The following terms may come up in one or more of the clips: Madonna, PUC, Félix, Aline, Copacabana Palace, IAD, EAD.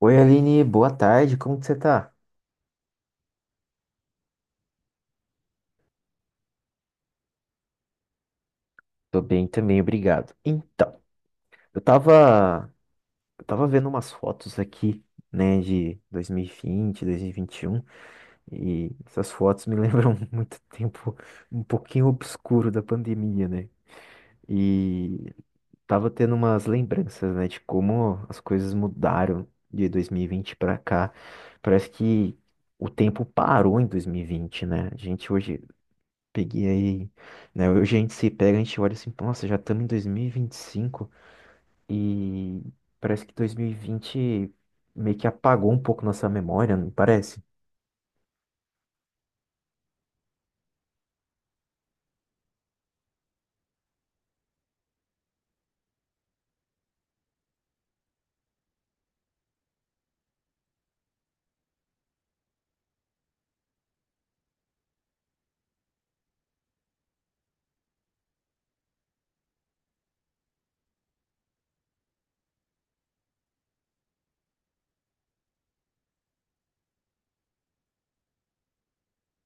Oi, Aline, boa tarde, como que você tá? Tô bem também, obrigado. Então, eu tava, eu tava vendo umas fotos aqui, né, de 2020, 2021, 2021, e essas fotos me lembram muito tempo um pouquinho obscuro da pandemia, né? E tava tendo umas lembranças, né, de como as coisas mudaram de 2020 pra cá. Parece que o tempo parou em 2020, né? A gente hoje Peguei aí, né? Hoje a gente se pega, a gente olha assim, nossa, já estamos em 2025 e vinte e cinco e parece que 2020 meio que apagou um pouco nossa memória, não parece?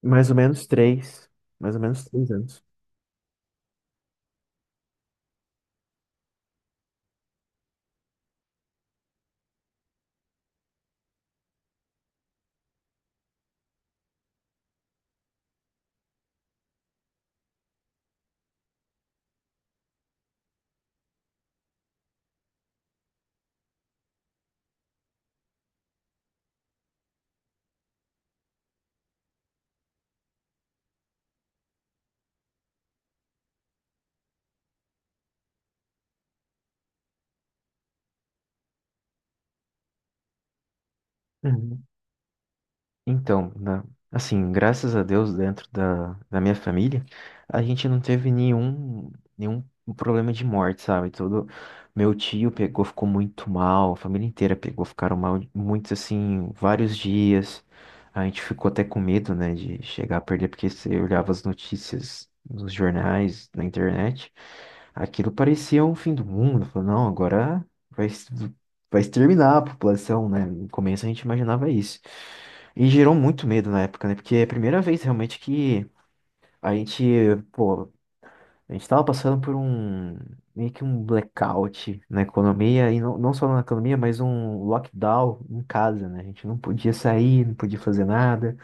Mais ou menos três, mais ou menos 3 anos. Uhum. Então, assim, graças a Deus, dentro da minha família, a gente não teve nenhum problema de morte, sabe? Todo meu tio pegou, ficou muito mal, a família inteira pegou, ficaram mal muitos, assim, vários dias. A gente ficou até com medo, né, de chegar a perder, porque você olhava as notícias nos jornais, na internet, aquilo parecia um fim do mundo. Falou, não, agora vai, es- vai exterminar a população, né? No começo a gente imaginava isso. E gerou muito medo na época, né? Porque é a primeira vez realmente que a gente, pô, a gente tava passando por meio que um blackout na economia, e não, não só na economia, mas um lockdown em casa, né? A gente não podia sair, não podia fazer nada.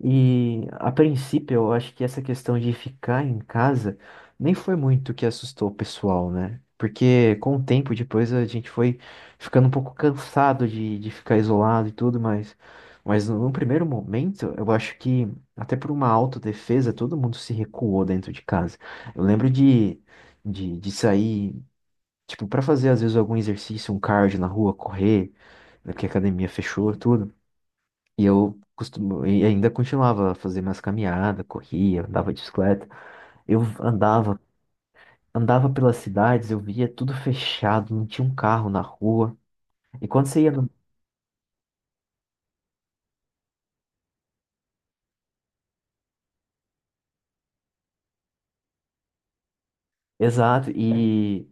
E a princípio, eu acho que essa questão de ficar em casa nem foi muito o que assustou o pessoal, né? Porque com o tempo depois a gente foi ficando um pouco cansado de ficar isolado e tudo, mas no primeiro momento, eu acho que até por uma autodefesa, todo mundo se recuou dentro de casa. Eu lembro de sair, tipo, para fazer às vezes algum exercício, um cardio na rua, correr, né, porque a academia fechou, tudo. E ainda continuava a fazer minhas caminhadas, corria, andava de bicicleta. Eu andava, andava pelas cidades, eu via tudo fechado, não tinha um carro na rua. E quando você ia no. Exato, e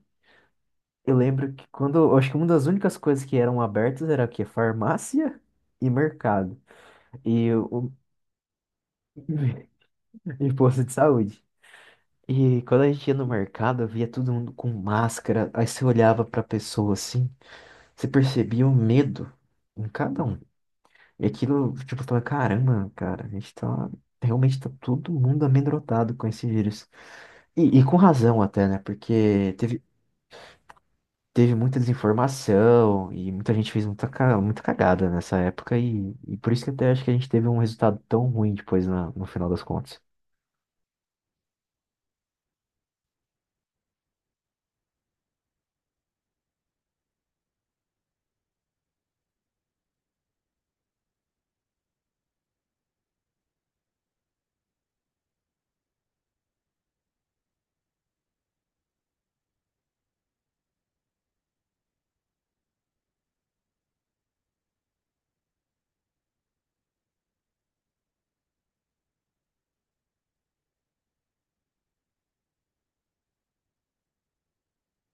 eu lembro que quando, eu acho que uma das únicas coisas que eram abertas era o quê? Farmácia e mercado. E o E posto de saúde. E quando a gente ia no mercado, eu via todo mundo com máscara. Aí você olhava pra pessoa assim, você percebia o medo em cada um. E aquilo, tipo, fala, caramba, cara, a gente tá. Realmente tá todo mundo amedrontado com esse vírus. E com razão até, né? Porque teve muita desinformação e muita gente fez muita cagada nessa época. E por isso que até acho que a gente teve um resultado tão ruim depois no final das contas.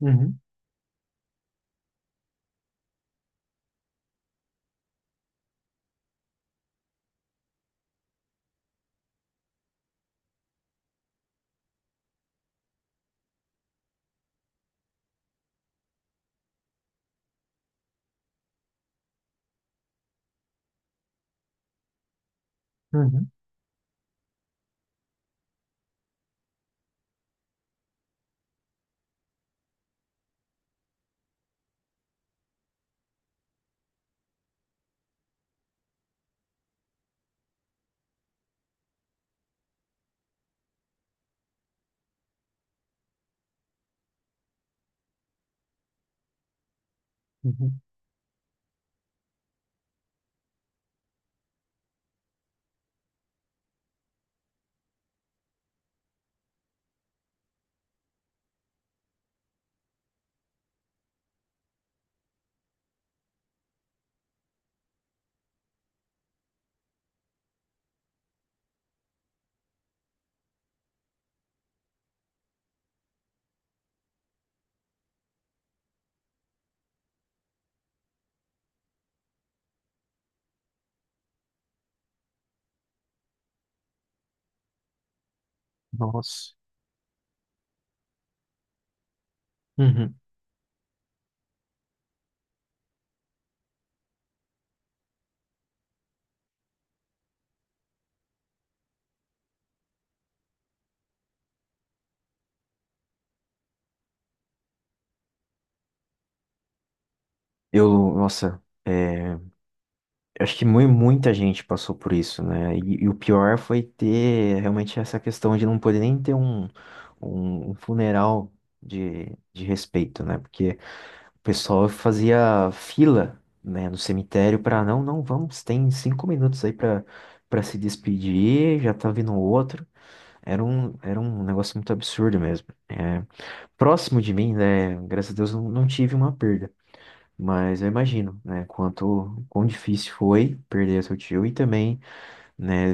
Uhum, uhum, uhum. Nossa. Uhum. Nossa. Eu acho que muita gente passou por isso, né? E o pior foi ter realmente essa questão de não poder nem ter um funeral de, de respeito, né? Porque o pessoal fazia fila, né, no cemitério para não, não, vamos, tem 5 minutos aí para se despedir, já tá vindo outro. Era um negócio muito absurdo mesmo. Próximo de mim, né? Graças a Deus não, não tive uma perda. Mas eu imagino, né, quão difícil foi perder seu tio e também, né,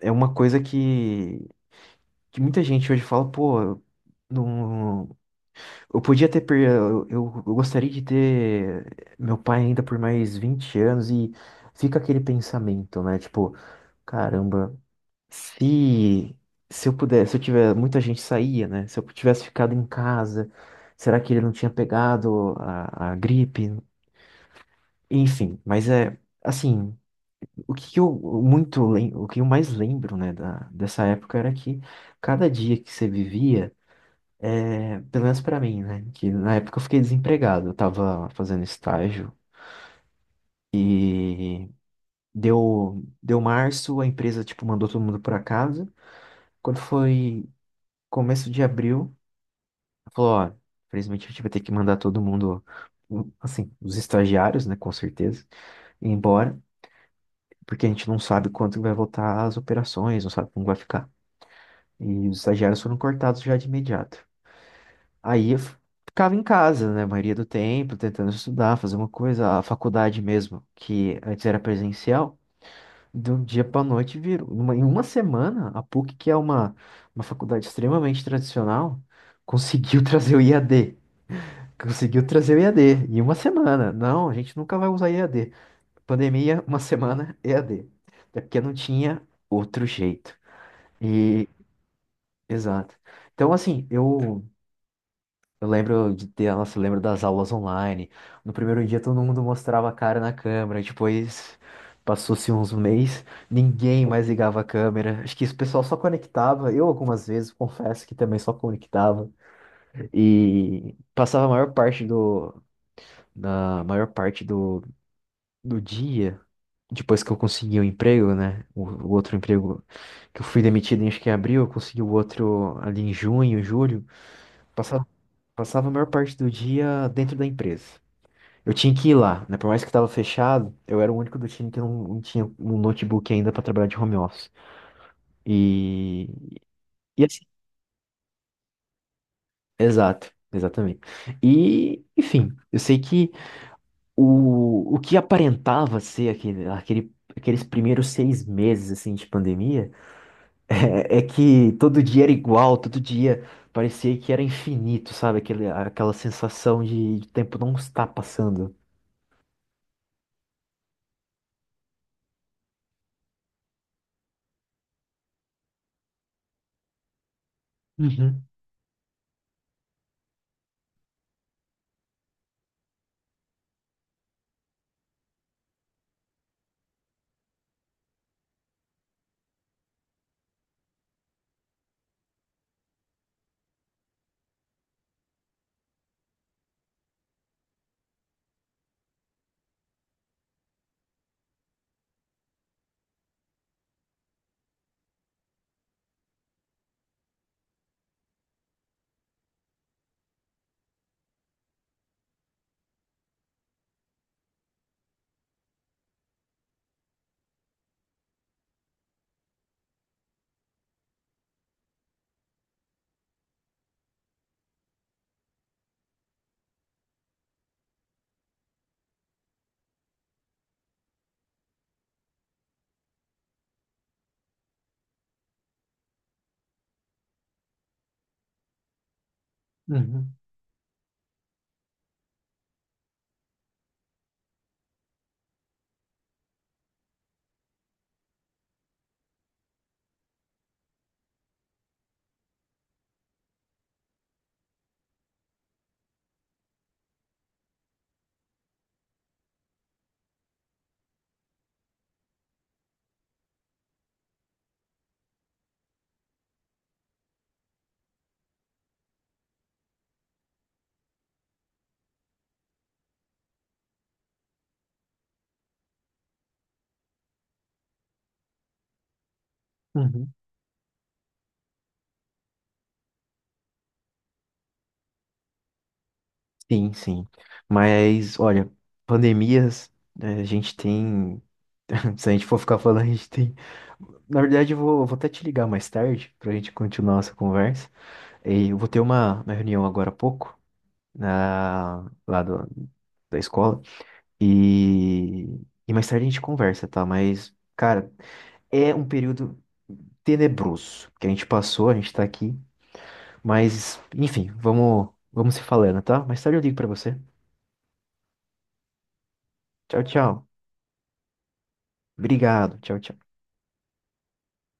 é uma coisa que muita gente hoje fala, pô, eu não, eu podia ter, per- eu gostaria de ter meu pai ainda por mais 20 anos e fica aquele pensamento, né, tipo, caramba, se, se eu pudesse, se eu tiver, muita gente saía, né, se eu tivesse ficado em casa, será que ele não tinha pegado a gripe? Enfim, mas é assim, o que eu o que eu mais lembro, né, dessa época era que cada dia que você vivia, pelo menos pra mim, né, que na época eu fiquei desempregado, eu tava fazendo estágio e deu março, a empresa tipo mandou todo mundo pra casa. Quando foi começo de abril, falou, ó, infelizmente a gente vai ter que mandar todo mundo, assim, os estagiários, né, com certeza, embora. Porque a gente não sabe quanto vai voltar as operações, não sabe como vai ficar. E os estagiários foram cortados já de imediato. Aí eu ficava em casa, né, a maioria do tempo, tentando estudar, fazer uma coisa. A faculdade mesmo, que antes era presencial, de um dia para noite virou. Em uma semana, a PUC, que é uma faculdade extremamente tradicional, conseguiu trazer o IAD. Conseguiu trazer o IAD em uma semana. Não, a gente nunca vai usar IAD. Pandemia, uma semana e a EAD. Até porque não tinha outro jeito. E, exato. Então, assim, eu, lembro de ter, nossa, eu lembro das aulas online. No primeiro dia todo mundo mostrava a cara na câmera, depois passou-se uns meses, ninguém mais ligava a câmera. Acho que o pessoal só conectava, eu algumas vezes confesso que também só conectava. E passava a maior parte do, da maior parte do, do dia. Depois que eu consegui o emprego, né? O outro emprego que eu fui demitido em acho que em abril, eu consegui o outro ali em junho, julho. Passava, passava a maior parte do dia dentro da empresa. Eu tinha que ir lá, né? Por mais que estava fechado, eu era o único do time que não, não tinha um notebook ainda para trabalhar de home office. E, e assim, exato, exatamente. E, enfim, eu sei que o que aparentava ser aqueles primeiros 6 meses assim de pandemia. É que todo dia era igual, todo dia parecia que era infinito, sabe? Aquela sensação de tempo não está passando. Uhum, uhum, uhum. Sim, sim. Mas, olha, pandemias, né, a gente tem. Se a gente for ficar falando, a gente tem. Na verdade, eu vou até te ligar mais tarde pra gente continuar essa conversa. E eu vou ter uma reunião agora há pouco, na, lá do- da escola. E, e mais tarde a gente conversa, tá? Mas, cara, é um período tenebroso que a gente passou, a gente tá aqui, mas enfim, vamos se falando, tá? Mais tarde eu ligo pra você. Tchau, tchau. Obrigado. Tchau, tchau.